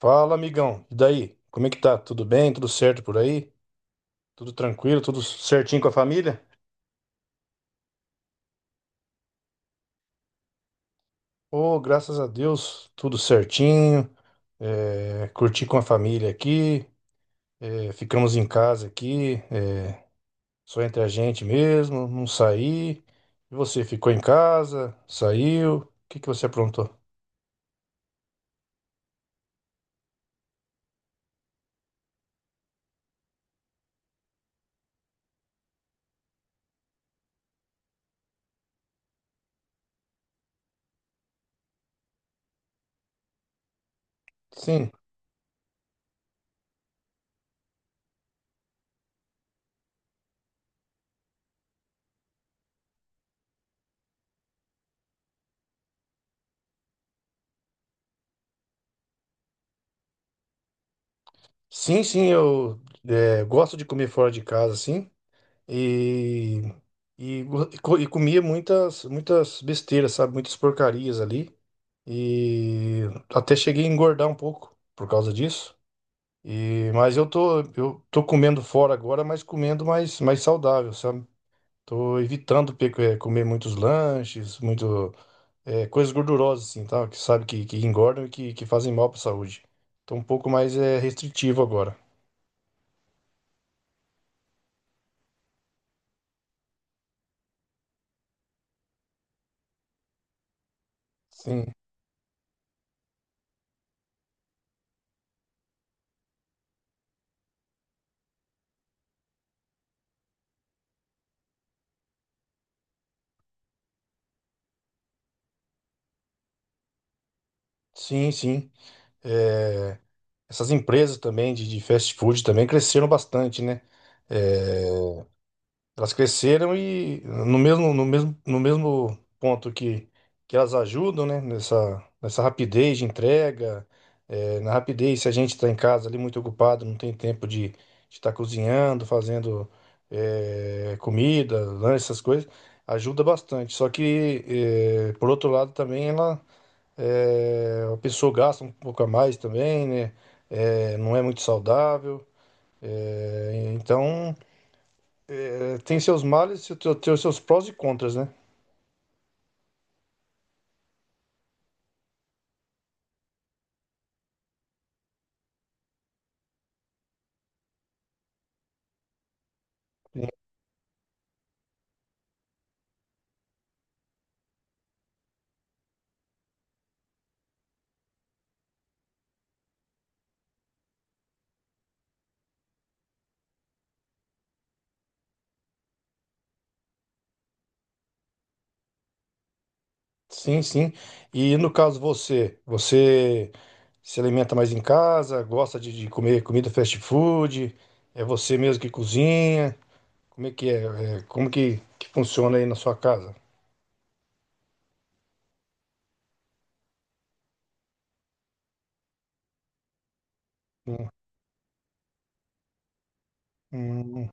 Fala, amigão. E daí? Como é que tá? Tudo bem? Tudo certo por aí? Tudo tranquilo? Tudo certinho com a família? Oh, graças a Deus, tudo certinho. É, curti com a família aqui. É, ficamos em casa aqui, só entre a gente mesmo, não saí. E você ficou em casa? Saiu? O que que você aprontou? Sim, sim, eu gosto de comer fora de casa, sim. E, e comia muitas, muitas besteiras, sabe? Muitas porcarias ali. E até cheguei a engordar um pouco por causa disso. E, mas eu tô comendo fora agora, mas comendo mais, mais saudável, sabe? Tô evitando comer muitos lanches, muito, coisas gordurosas, assim, tá? Que sabe que engordam e que fazem mal para a saúde. Tô um pouco mais restritivo agora. Sim, sim. É, essas empresas também de fast food também cresceram bastante, né? É, elas cresceram e no mesmo ponto que elas ajudam, né? Nessa rapidez de entrega, é, na rapidez, se a gente está em casa ali muito ocupado, não tem tempo de estar cozinhando, fazendo é, comida, lanche, essas coisas, ajuda bastante. Só que, é, por outro lado, também ela é, a pessoa gasta um pouco a mais também, né? É, não é muito saudável. É, então, é, tem seus males e tem os seus prós e contras, né? Sim, sim. E no caso você, você se alimenta mais em casa, gosta de comer comida fast food, é você mesmo que cozinha? Como é que é? É, como que funciona aí na sua casa? Hum, hum,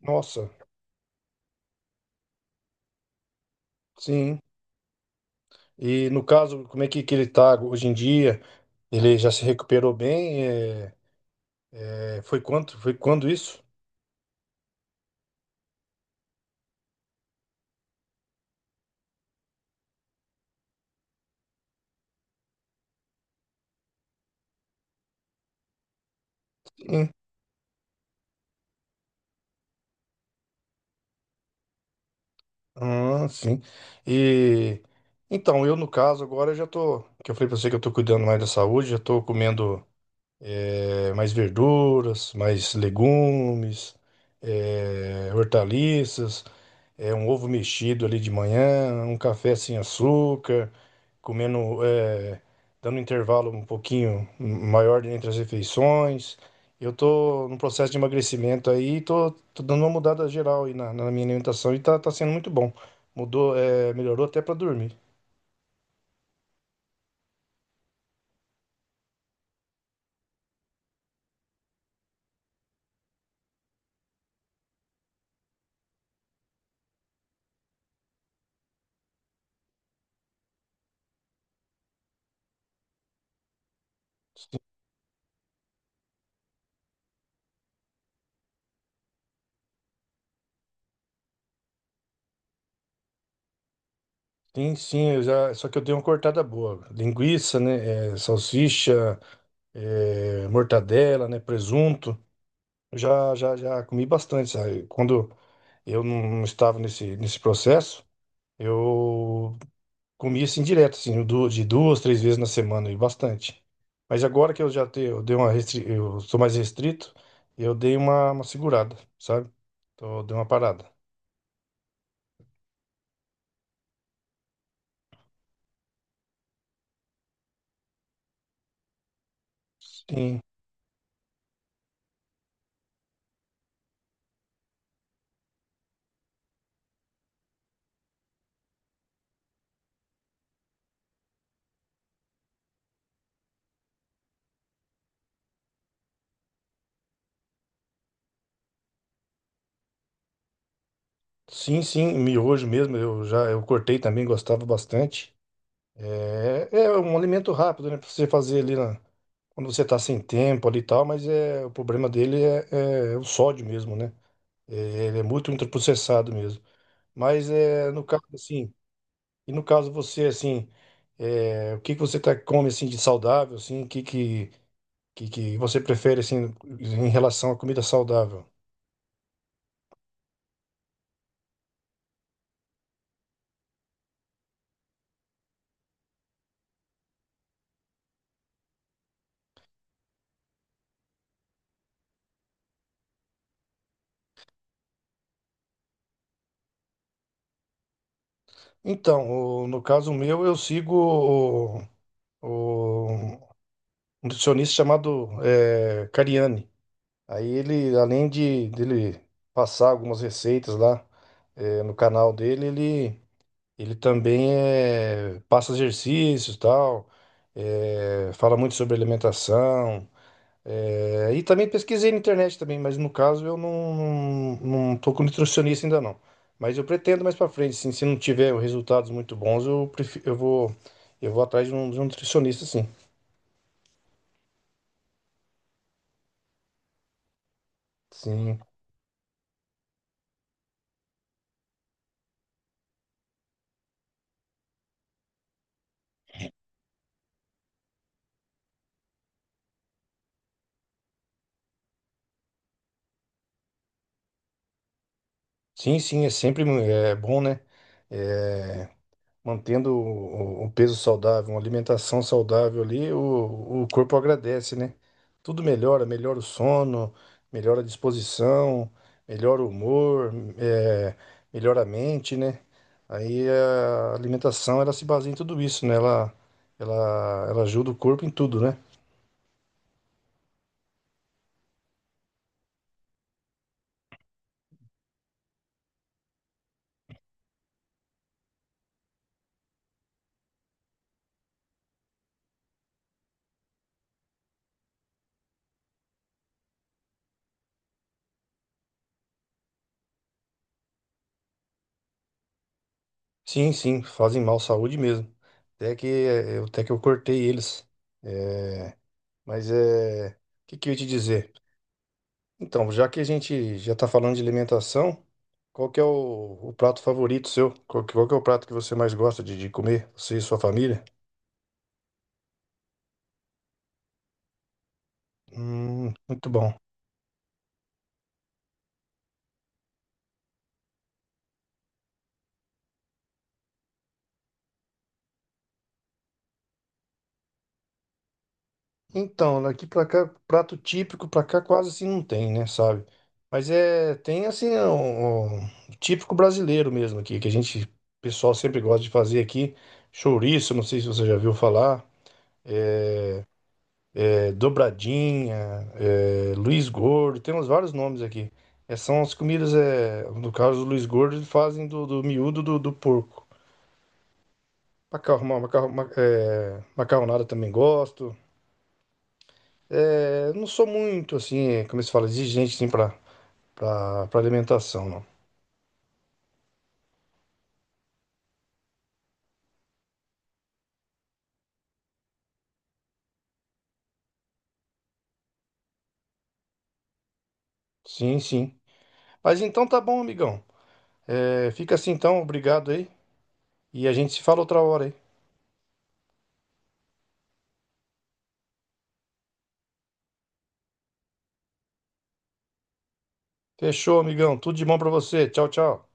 nossa, sim. E no caso, como é que ele tá hoje em dia? Ele já se recuperou bem? É, é, Foi quando isso? Sim. Ah, sim. E então, eu no caso agora eu já tô, que eu falei pra você que eu tô cuidando mais da saúde, já tô comendo é, mais verduras, mais legumes, é, hortaliças. É um ovo mexido ali de manhã, um café sem açúcar, comendo, é, dando um intervalo um pouquinho maior entre as refeições. Eu tô num processo de emagrecimento aí, tô dando uma mudada geral aí na minha alimentação e tá sendo muito bom. Mudou, é, melhorou até para dormir. Sim, eu já, só que eu dei uma cortada boa. Linguiça, né? é, salsicha, é, mortadela, né? Presunto. Já comi bastante, sabe? Quando eu não estava nesse processo, eu comia assim direto, assim, de duas, três vezes na semana e bastante. Mas agora que eu já tenho, eu sou mais restrito, eu dei uma segurada, sabe? Então, eu dei uma parada. Sim, sim, miojo mesmo, eu cortei também, gostava bastante. É, é um alimento rápido, né? Pra você fazer ali quando você tá sem tempo ali e tal, mas é, o problema dele é, é o sódio mesmo, né? É, ele é muito ultraprocessado mesmo. Mas é, no caso, assim, e no caso você, assim, é, o que que você tá, come, assim, de saudável, assim, o que que você prefere, assim, em relação à comida saudável? Então, no caso meu, eu sigo um nutricionista chamado é, Cariani. Aí ele, além de dele passar algumas receitas lá eh, no canal dele, ele também eh, passa exercícios e tal, eh, fala muito sobre alimentação. Eh, e também pesquisei na internet também, mas no caso eu não tô com nutricionista ainda não. Mas eu pretendo mais pra frente, sim, se não tiver resultados muito bons, eu vou atrás de um nutricionista, sim. Sim, sim, é sempre é bom, né? Eh, mantendo o um peso saudável, uma alimentação saudável ali, o corpo agradece, né? Tudo melhora, melhora o sono, melhora a disposição, melhora o humor, é, melhora a mente, né? Aí a alimentação, ela se baseia em tudo isso, né? Ela, ela ajuda o corpo em tudo, né? Sim, sim, fazem mal à saúde mesmo. Até que, eh, até que eu cortei eles. É, mas é, o que que eu ia te dizer? Então, já que a gente já tá falando de alimentação, qual que é o prato favorito seu? Qual que é o prato que você mais gosta de comer, você e sua família? Muito bom. Então, daqui pra cá, prato típico pra cá quase assim não tem, né, sabe? Mas é, tem assim, um típico brasileiro mesmo aqui, que a gente, o pessoal sempre gosta de fazer aqui, chouriço, não sei se você já viu falar. É, dobradinha, é, Luiz Gordo, temos vários nomes aqui. É, são as comidas, é, no caso do Luiz Gordo, eles fazem do miúdo do porco. Macarronada também gosto. É, não sou muito, assim, é, como se fala, exigente, assim, pra alimentação, não. Sim, sim. Mas então tá bom, amigão. É, fica assim então, obrigado aí. E a gente se fala outra hora aí. Fechou, amigão. Tudo de bom pra você. Tchau, tchau.